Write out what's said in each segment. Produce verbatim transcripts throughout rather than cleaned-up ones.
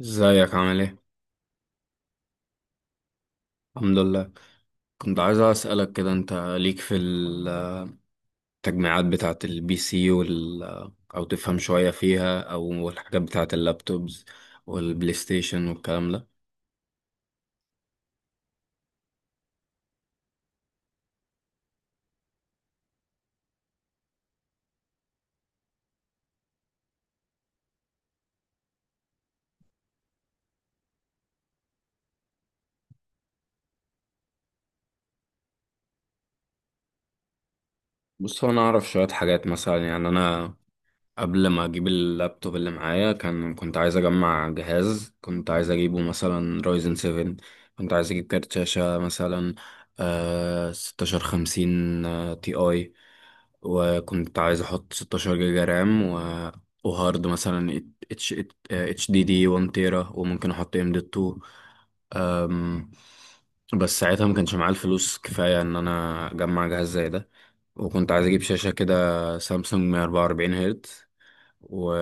ازيك عامل ايه؟ الحمد لله. كنت عايز اسألك كده، انت ليك في التجميعات بتاعة البي سي وال او تفهم شوية فيها، او الحاجات بتاعة اللابتوبز والبلاي ستيشن والكلام ده؟ بص، هو انا اعرف شوية حاجات، مثلا يعني انا قبل ما اجيب اللابتوب اللي معايا كان كنت عايز اجمع جهاز، كنت عايز اجيبه مثلا رايزن سبعة. كنت عايز اجيب كارت شاشة مثلا، آه ستاشر خمسين تي اي. وكنت عايز احط ستة عشر جيجا رام، و... وهارد مثلا اتش اتش دي دي واحد تيرا، وممكن احط ام دي اتنين. أم، بس ساعتها ما كانش معايا الفلوس كفاية ان انا اجمع جهاز زي ده. وكنت عايز اجيب شاشة كده سامسونج مية وأربعة وأربعين هرتز، و...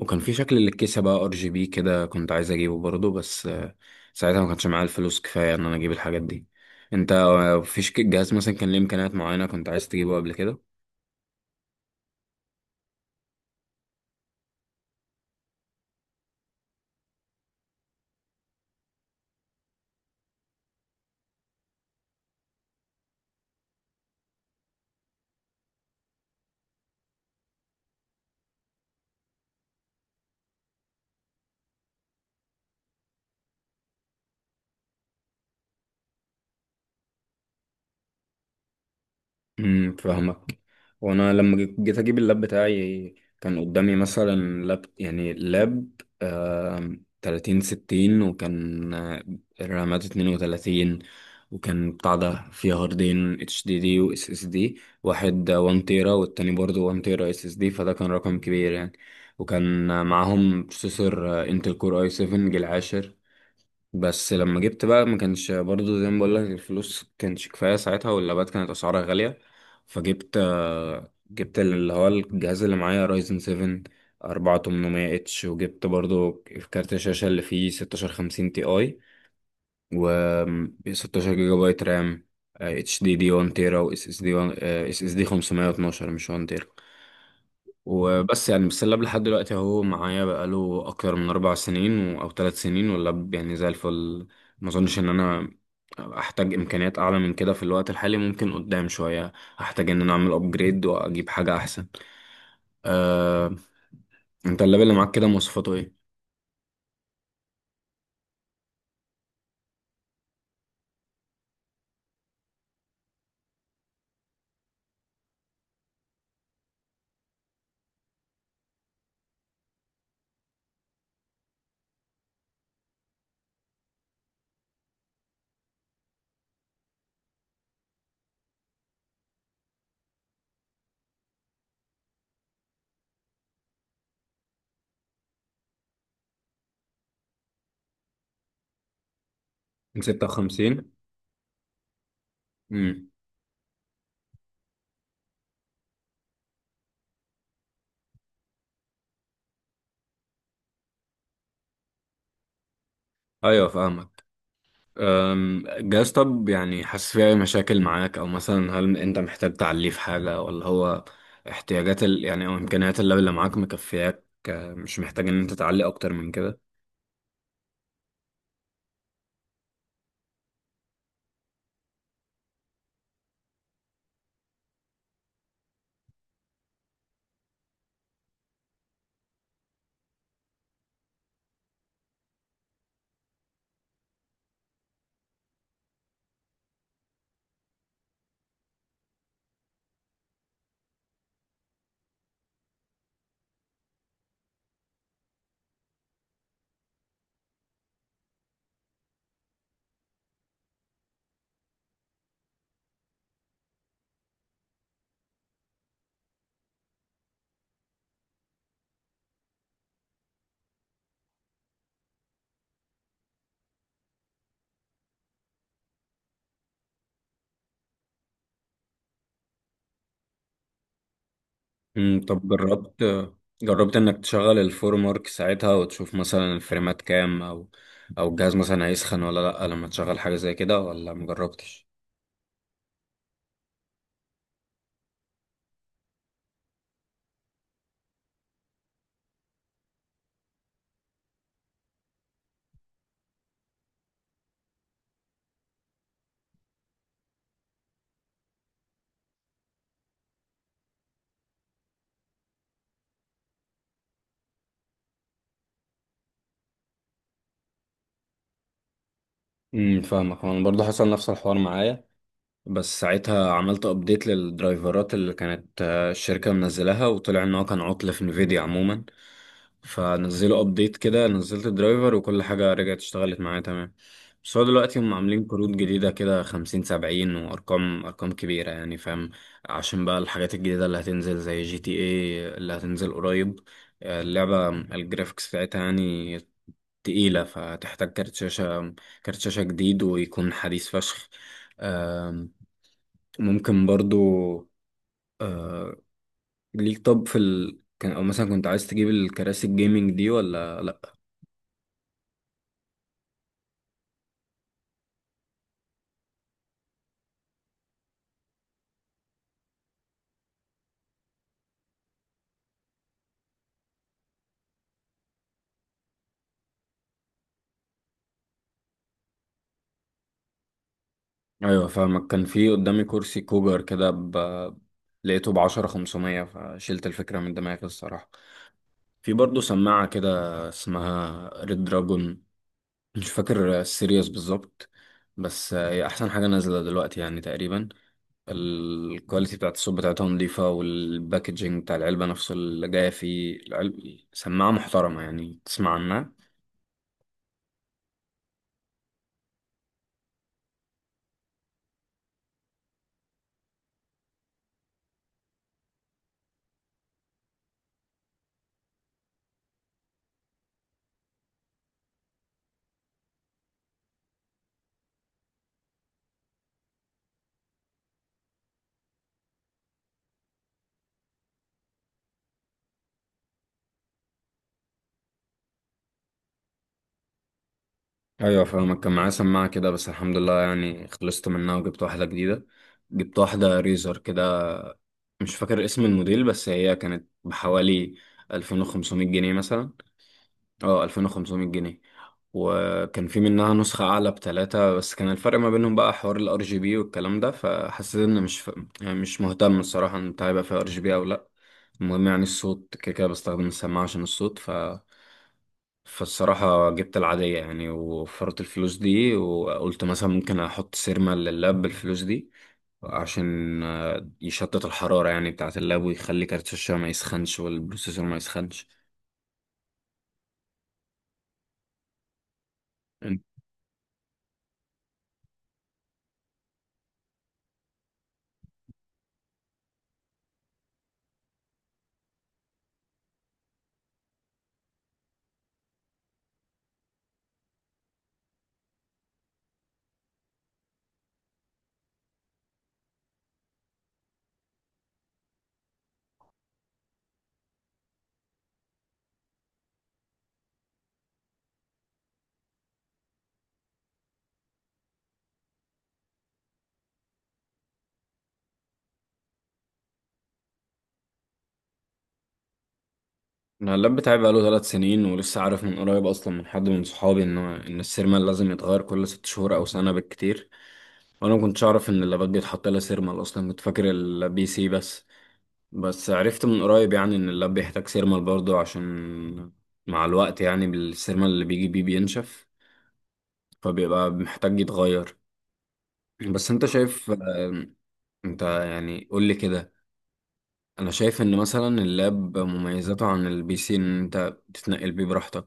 وكان في شكل للكيسة بقى ار جي بي كده، كنت عايز اجيبه برضه، بس آه، ساعتها ما كانش معايا الفلوس كفاية ان انا اجيب الحاجات دي. انت آه، فيش ك- جهاز مثلا كان ليه امكانيات معينة كنت عايز تجيبه قبل كده؟ امم فاهمك. وانا لما جي- جيت اجيب اللاب بتاعي، كان قدامي مثلا لاب، يعني لاب آم، تلاتين ستين، وكان آه، رامات اثنين وثلاثين. وكان بتاع ده فيه هاردين اتش دي دي واس اس دي، واحد 1 تيرا والتاني برضه واحد تيرا اس اس دي، فده كان رقم كبير يعني. وكان آه، معاهم بروسيسور انتل كور اي سبعة جيل عاشر. بس لما جبت بقى، ما كانش برضو زي ما بقول لك الفلوس كانش كفاية ساعتها، واللابات كانت أسعارها غالية. فجبت آه، جبت اللي هو الجهاز اللي معايا رايزن سبعة أربعة تمنمية اتش، وجبت برضو كارت الشاشة اللي فيه ستاشر خمسين تي اي، و ستاشر جيجا بايت رام، آه، اتش دي دي واحد تيرا و اس اس دي اس اس دي خمسمية واتناشر، مش واحد تيرا. وبس، يعني بالسلاب لحد دلوقتي اهو معايا بقاله اكتر من اربع سنين و- او ثلاث سنين، واللاب يعني زي الفل. ما اظنش ان انا احتاج امكانيات اعلى من كده في الوقت الحالي، ممكن قدام شوية احتاج ان انا اعمل ابجريد واجيب حاجة احسن. أه... انت اللاب اللي معاك كده مواصفاته ايه؟ ستة وخمسين. امم ايوه، فاهمك. أم، جهاز طب يعني، حاسس فيه أي مشاكل معاك؟ او مثلا هل انت محتاج تعليه في حاجة، ولا هو احتياجات ال... يعني او امكانيات اللاب اللي معاك مكفياك، أه، مش محتاج ان انت تعلي اكتر من كده؟ مم، طب، جربت جربت انك تشغل الفورم ورك ساعتها وتشوف مثلا الفريمات كام، او او الجهاز مثلا هيسخن ولا لا لما تشغل حاجة زي كده، ولا مجربتش؟ امم فاهمك، انا برضه حصل نفس الحوار معايا. بس ساعتها عملت ابديت للدرايفرات اللي كانت آه، الشركة منزلاها، وطلع ان هو كان عطل في انفيديا عموما، فنزلوا ابديت كده، نزلت الدرايفر وكل حاجة رجعت اشتغلت معايا تمام. بس هو دلوقتي هم عاملين كروت جديدة كده، خمسين سبعين، وأرقام أرقام كبيرة يعني، فاهم؟ عشان بقى الحاجات الجديدة اللي هتنزل زي جي تي اي اللي هتنزل قريب، آه، اللعبة الجرافيكس بتاعتها يعني تقيلة، فتحتاج كارت شاشة كارت شاشة جديد ويكون حديث فشخ. ممكن برضو. ليك، طب، في ال... كان او مثلا، كنت عايز تجيب الكراسي الجيمنج دي ولا لا؟ ايوه، فاهمك. كان في قدامي كرسي كوجر كده ب... لقيته بعشرة خمسمية، فشلت الفكرة من دماغي الصراحة. في برضو سماعة كده اسمها ريد دراجون، مش فاكر السيريوس بالظبط، بس هي أحسن حاجة نازلة دلوقتي يعني تقريبا. الكواليتي بتاعت الصوت بتاعتها نضيفة، والباكجينج بتاع العلبة نفسه اللي جاية فيه العلبة، سماعة محترمة يعني، تسمع عنها. ايوه، فاهمك. كان معايا سماعه كده بس الحمد لله يعني خلصت منها وجبت واحده جديده. جبت واحده ريزر كده، مش فاكر اسم الموديل، بس هي كانت بحوالي ألفين وخمسمائة جنيه مثلا. اه ألفين وخمسمائة جنيه. وكان في منها نسخه اعلى بتلاتة بس، كان الفرق ما بينهم بقى حوار الار جي بي والكلام ده، فحسيت ان مش ف... يعني مش مهتم الصراحه ان هيبقى فيها ار جي بي او لا. المهم يعني الصوت، كده كده بستخدم السماعه عشان الصوت، ف فالصراحة جبت العادية يعني، ووفرت الفلوس دي، وقلت مثلا ممكن أحط سيرما لللاب بالفلوس دي عشان آه، يشتت الحرارة يعني بتاعة اللاب، ويخلي كارت الشاشة ما يسخنش والبروسيسور ما يسخنش. أنا اللاب بتاعي بقاله ثلاث سنين ولسه عارف من قريب أصلا، من حد من صحابي، إن إن السيرما لازم يتغير كل ست شهور أو سنة بالكتير. وأنا ما كنتش أعرف إن اللابات بيتحط لها سيرما أصلا، كنت فاكر البي سي بس. بس عرفت من قريب يعني ان اللاب بيحتاج سيرمال برضه، عشان مع الوقت يعني بالسيرمال اللي بيجي بيه بينشف، فبيبقى محتاج يتغير. بس انت شايف، آه، انت يعني، قول لي كده. انا شايف ان مثلا اللاب مميزاته عن البي سي ان انت بتتنقل بيه براحتك،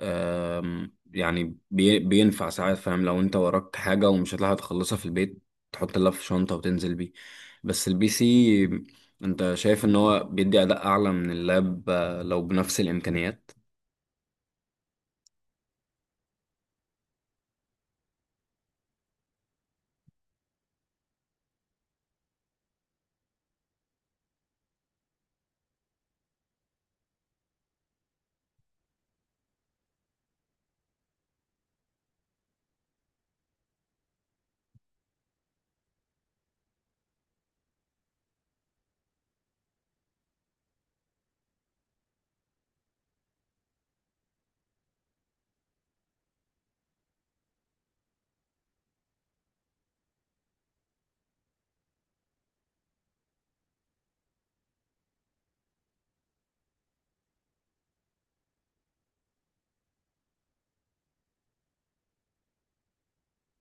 أم، يعني بي- بينفع ساعات، فاهم، لو انت وراك حاجة ومش هتلحق تخلصها في البيت، تحط اللاب في شنطة وتنزل بيه. بس البي سي، انت شايف ان هو بيدي اداء اعلى من اللاب آه، لو بنفس الامكانيات؟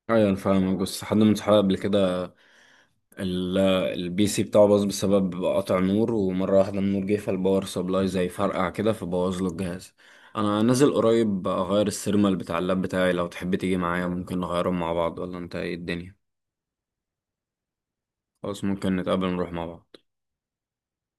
ايوه، انا فاهمك. بس حد من صحابي قبل كده، ال- البي سي بتاعه باظ بسبب قطع نور، ومرة واحدة النور جه فالباور سبلاي زي فرقع كده، فبوظ له الجهاز. انا نازل قريب اغير السيرمال بتاع اللاب بتاعي، لو تحب تيجي معايا ممكن نغيرهم مع بعض، ولا انت ايه الدنيا؟ خلاص، ممكن نتقابل نروح مع بعض.